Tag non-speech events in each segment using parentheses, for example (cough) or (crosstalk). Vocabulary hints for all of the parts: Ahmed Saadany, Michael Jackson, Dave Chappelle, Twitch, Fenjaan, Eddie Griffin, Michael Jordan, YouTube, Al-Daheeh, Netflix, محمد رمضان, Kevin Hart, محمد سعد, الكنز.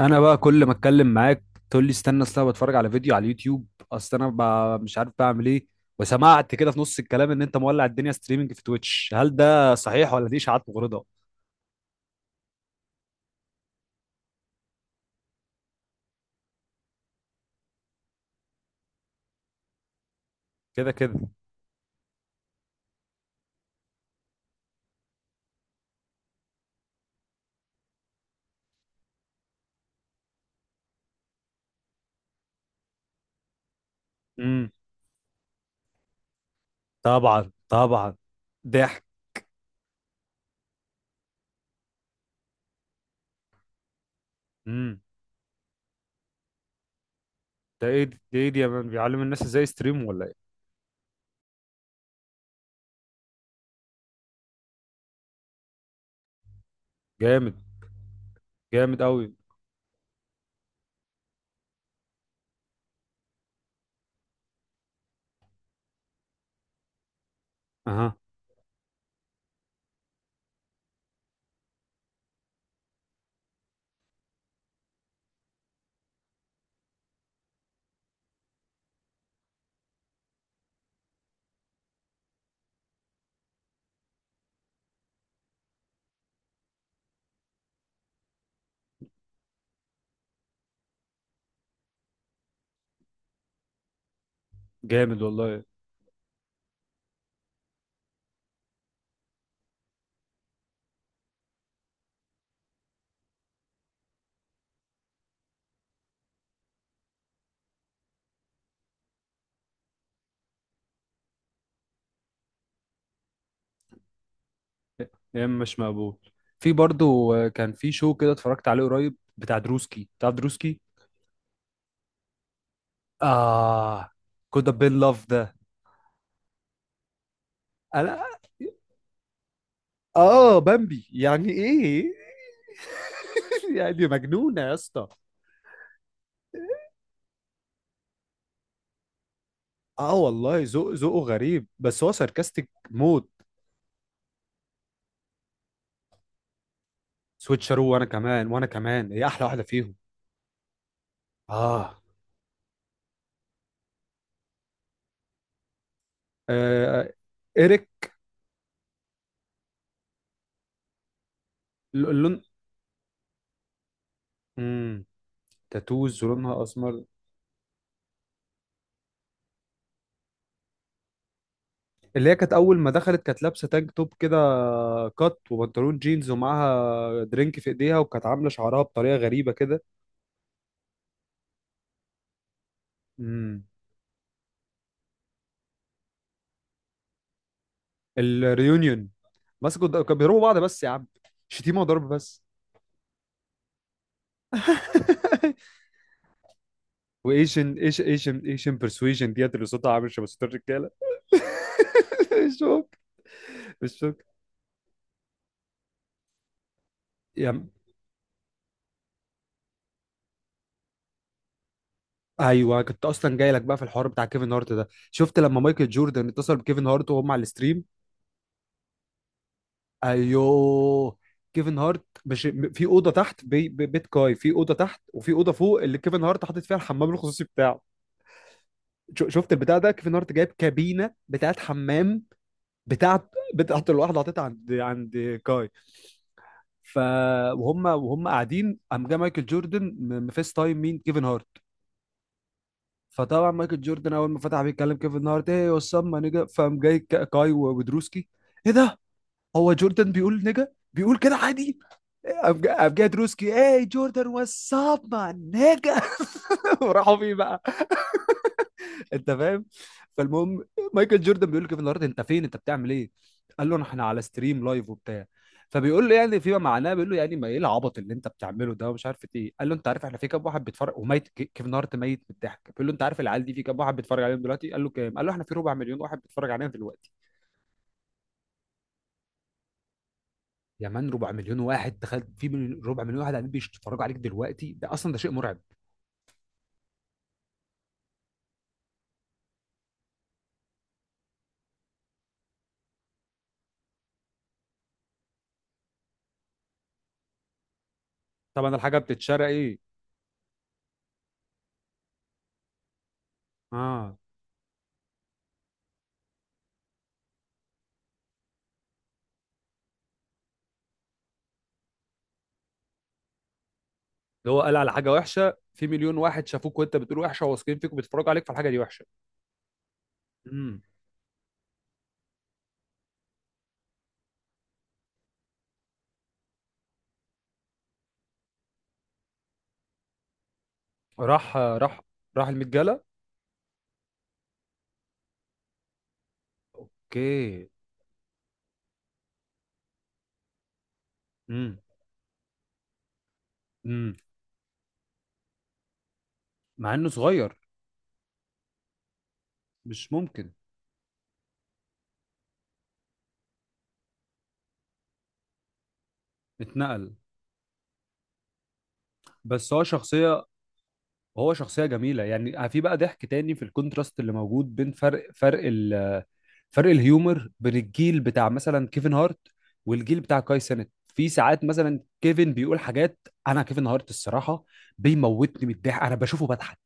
انا بقى كل ما اتكلم معاك تقول لي استنى. اصل انا بتفرج على فيديو على اليوتيوب. اصل انا مش عارف بعمل ايه. وسمعت كده في نص الكلام ان انت مولع الدنيا ستريمنج في تويتش، هل ده صحيح ولا دي اشاعات مغرضه؟ كده كده. امم. طبعا طبعا. ضحك. امم. ده ايه دي يا مان، بيعلم الناس ازاي يستريم ولا ايه؟ جامد. جامد قوي. اها. جامد والله. يا اما مش مقبول. في برضو، كان في شو كده اتفرجت عليه قريب، بتاع دروسكي بتاع دروسكي. اه. كود بين لاف ده. انا. اه بامبي، يعني ايه. (laughs) يعني مجنونة يا اسطى. اه والله، ذوقه غريب، بس هو ساركاستيك موت. سويتشارو، وانا كمان، هي احلى واحدة فيهم. اه، آه. ايريك. اللون. امم. تاتوز ولونها اسمر. اللي هي كانت اول ما دخلت كانت لابسه تانك توب كده، كات وبنطلون جينز ومعاها درينك في ايديها، وكانت عامله شعرها بطريقه غريبه كده. امم. الريونيون. كانوا بيضربوا بعض بس يا عم، شتيمه وضرب بس. (laughs) وايشن ايش ايشن ايشن برسويجن ديت، اللي صوتها عامل شبه صوت الرجاله. (laughs) الشوك. الشوك. يا م- ايوه، كنت اصلا جاي لك بقى في الحوار بتاع كيفن هارت ده، شفت لما مايكل جوردن اتصل بكيفن هارت وهم على الستريم؟ ايوه. كيفن هارت مش م- في اوضه تحت، بيت كاي في اوضه تحت، وفي اوضه فوق اللي كيفن هارت حاطط فيها الحمام الخصوصي بتاعه. شفت البتاع ده، كيفن هارت جايب كابينه بتاعت حمام، بتاعت الواحده حاططها عند كاي. ف وهم قاعدين، قام جه مايكل جوردن مفيس تايم مين، كيفن هارت. فطبعا مايكل جوردن اول ما فتح بيتكلم كيفن هارت، ايه وسام، ما نجا، فقام جاي كاي ودروسكي، ايه ده، هو جوردن بيقول نجا، بيقول كده عادي. قام جاي دروسكي، ايه جوردن، واتساب ما نجا، (laughs) وراحوا فيه بقى. انت فاهم. فالمهم، مايكل جوردن بيقول له كيفن هارت انت فين، انت بتعمل ايه، قال له احنا على ستريم لايف وبتاع. فبيقول له، يعني فيما معناه بيقول له، يعني ما ايه العبط اللي انت بتعمله ده ومش عارف ايه، قال له انت عارف احنا في كام واحد بيتفرج، وميت كيفن هارت ميت من الضحك، بيقول له انت عارف العيال دي في كام واحد بيتفرج عليهم دلوقتي، قال له كام، قال له احنا في ربع مليون واحد بيتفرج علينا دلوقتي. يا مان ربع مليون واحد، دخلت ربع مليون واحد قاعدين بيتفرجوا عليك دلوقتي، ده اصلا ده شيء مرعب. طبعا الحاجه بتتشرق ايه. اه. اللي هو قال على حاجه وحشه في مليون واحد شافوك وانت بتقول وحشه، وواثقين فيك وبيتفرجوا عليك، فالحاجه دي وحشه. امم. راح راح. راح المتجله. اوكي. امم. امم. مع انه صغير. مش ممكن. اتنقل. بس هو شخصية. هو شخصية جميلة، يعني في بقى ضحك تاني في الكونتراست اللي موجود بين فرق الهيومر بين الجيل بتاع مثلا كيفن هارت والجيل بتاع كاي سينت. في ساعات مثلا كيفن بيقول حاجات. انا كيفن هارت، الصراحة بيموتني من الضحك، انا بشوفه بضحك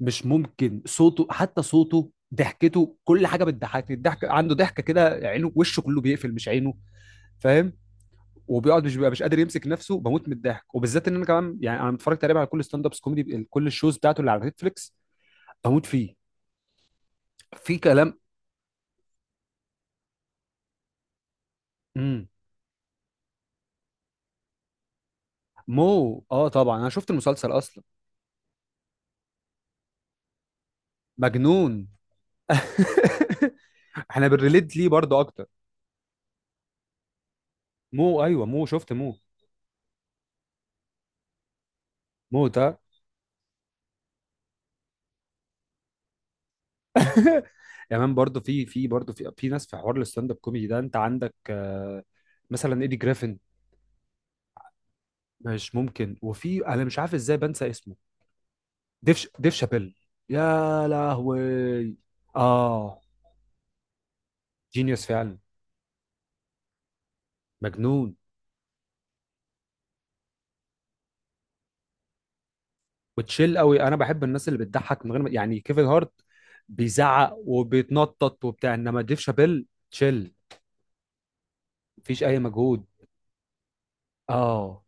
مش ممكن. صوته، حتى صوته، ضحكته، كل حاجه بتضحكني، الضحك عنده، ضحكه كده، عينه وشه كله بيقفل، مش عينه، فاهم. وبيقعد مش بيبقى مش قادر يمسك نفسه، بموت من الضحك، وبالذات ان انا كمان يعني انا متفرج تقريبا على كل ستاند ابس كوميدي، كل الشوز بتاعته اللي على نتفليكس بموت فيه. في كلام. امم. مو، اه طبعا انا شفت المسلسل اصلا. مجنون. (laughs) احنا بنريليت ليه برضه اكتر. مو ايوه، مو شفت مو. مو ده. (laughs) يعني برضه في برضه في ناس، في حوار الستاند اب كوميدي ده انت عندك، مثلا ايدي جريفن. مش ممكن. وفي انا مش عارف ازاي بنسى اسمه. ديف شابيل. يا لهوي. اه. جينيوس فعلا. مجنون. وتشيل قوي. انا بحب الناس اللي بتضحك من غير ما، يعني كيفن هارت بيزعق وبيتنطط وبتاع، انما ديف شابيل تشيل، مفيش اي مجهود. اه.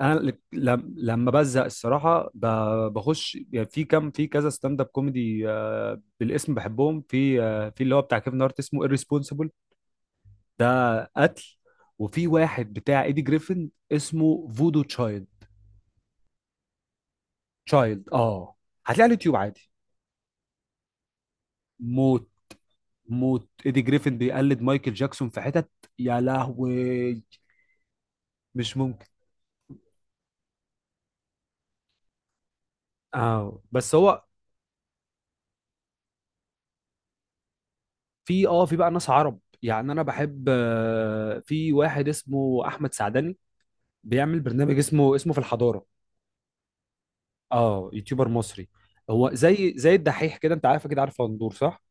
انا لما بزهق الصراحه بخش يعني في كم، في كذا ستاند اب كوميدي بالاسم بحبهم، في في اللي هو بتاع كيفن هارت اسمه irresponsible، ده قتل. وفي واحد بتاع ايدي جريفن اسمه فودو تشايلد، تشايلد اه، هتلاقيه على اليوتيوب عادي. موت موت. ايدي جريفن بيقلد مايكل جاكسون في حتت. يا لهوي. مش ممكن. اه بس هو. في بقى ناس عرب، يعني انا بحب، في واحد اسمه احمد سعدني، بيعمل برنامج اسمه في الحضاره. اه، يوتيوبر مصري. هو زي الدحيح كده، انت عارف، اكيد عارف غندور صح.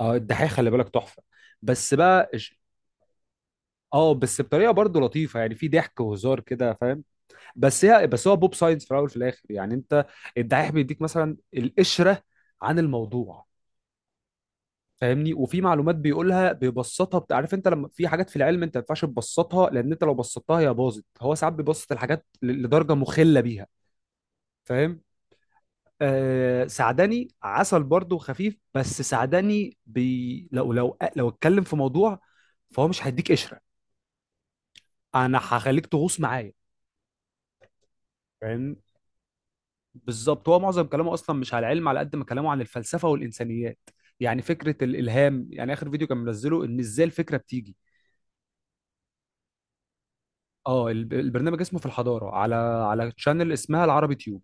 اه، الدحيح خلي بالك تحفه. بس بقى إش- اه بس بطريقه برضه لطيفه، يعني في ضحك وهزار كده، فاهم. بس هو بوب ساينس في الاول وفي الاخر، يعني انت، الدحيح بيديك مثلا القشره عن الموضوع، فاهمني، وفي معلومات بيقولها بيبسطها، عارف انت لما في حاجات في العلم انت ما ينفعش تبسطها، لان انت لو بسطتها هي باظت، هو ساعات بيبسط الحاجات لدرجه مخله بيها. فاهم. آه سعدني عسل برضه خفيف، بس سعدني بي، لو اتكلم في موضوع فهو مش هيديك قشره، انا هخليك تغوص معايا. فاهم. بالظبط، هو معظم كلامه اصلا مش على العلم على قد ما كلامه عن الفلسفه والانسانيات، يعني فكره الالهام، يعني اخر فيديو كان منزله ان ازاي الفكره بتيجي. اه، البرنامج اسمه في الحضاره، على تشانل اسمها العربي تيوب.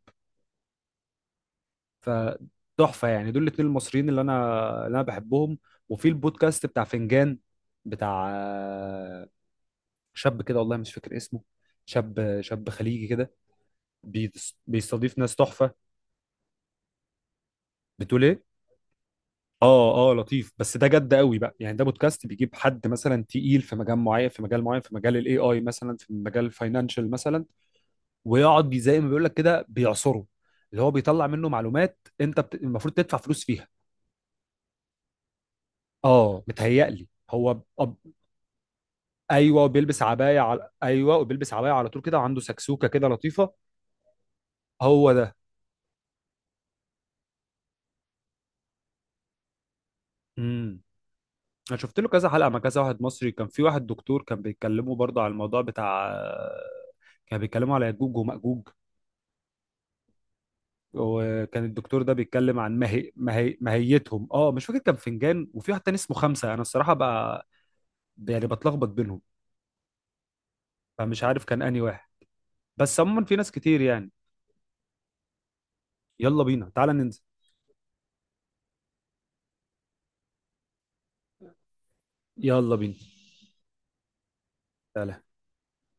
فتحفه يعني، دول الاتنين المصريين اللي انا بحبهم. وفي البودكاست بتاع فنجان، بتاع شاب كده والله مش فاكر اسمه، شاب شاب خليجي كده، بيستضيف ناس تحفه. بتقول ايه. اه اه، لطيف بس ده جد قوي بقى، يعني ده بودكاست بيجيب حد مثلا تقيل في مجال معين، في مجال الاي اي مثلا، في مجال الفاينانشال مثلا، ويقعد زي ما بيقول لك كده بيعصره. اللي هو بيطلع منه معلومات انت المفروض تدفع فلوس فيها. اه متهيألي هو ايوه وبيلبس عبايه على طول كده، وعنده سكسوكه كده لطيفه. هو ده. امم. انا شفت له كذا حلقه مع كذا واحد مصري، كان في واحد دكتور، كان بيتكلموا برضه على الموضوع بتاع، كان بيتكلموا على ياجوج وماجوج، وكان الدكتور ده بيتكلم عن ماهيتهم. اه مش فاكر كان فنجان، وفي واحد تاني اسمه خمسه، انا الصراحه بقى يعني بتلخبط بينهم. فمش عارف كان انهي واحد، بس عموما في ناس كتير يعني. يلا بينا، تعالى ننزل. يلا بينا، تعالى.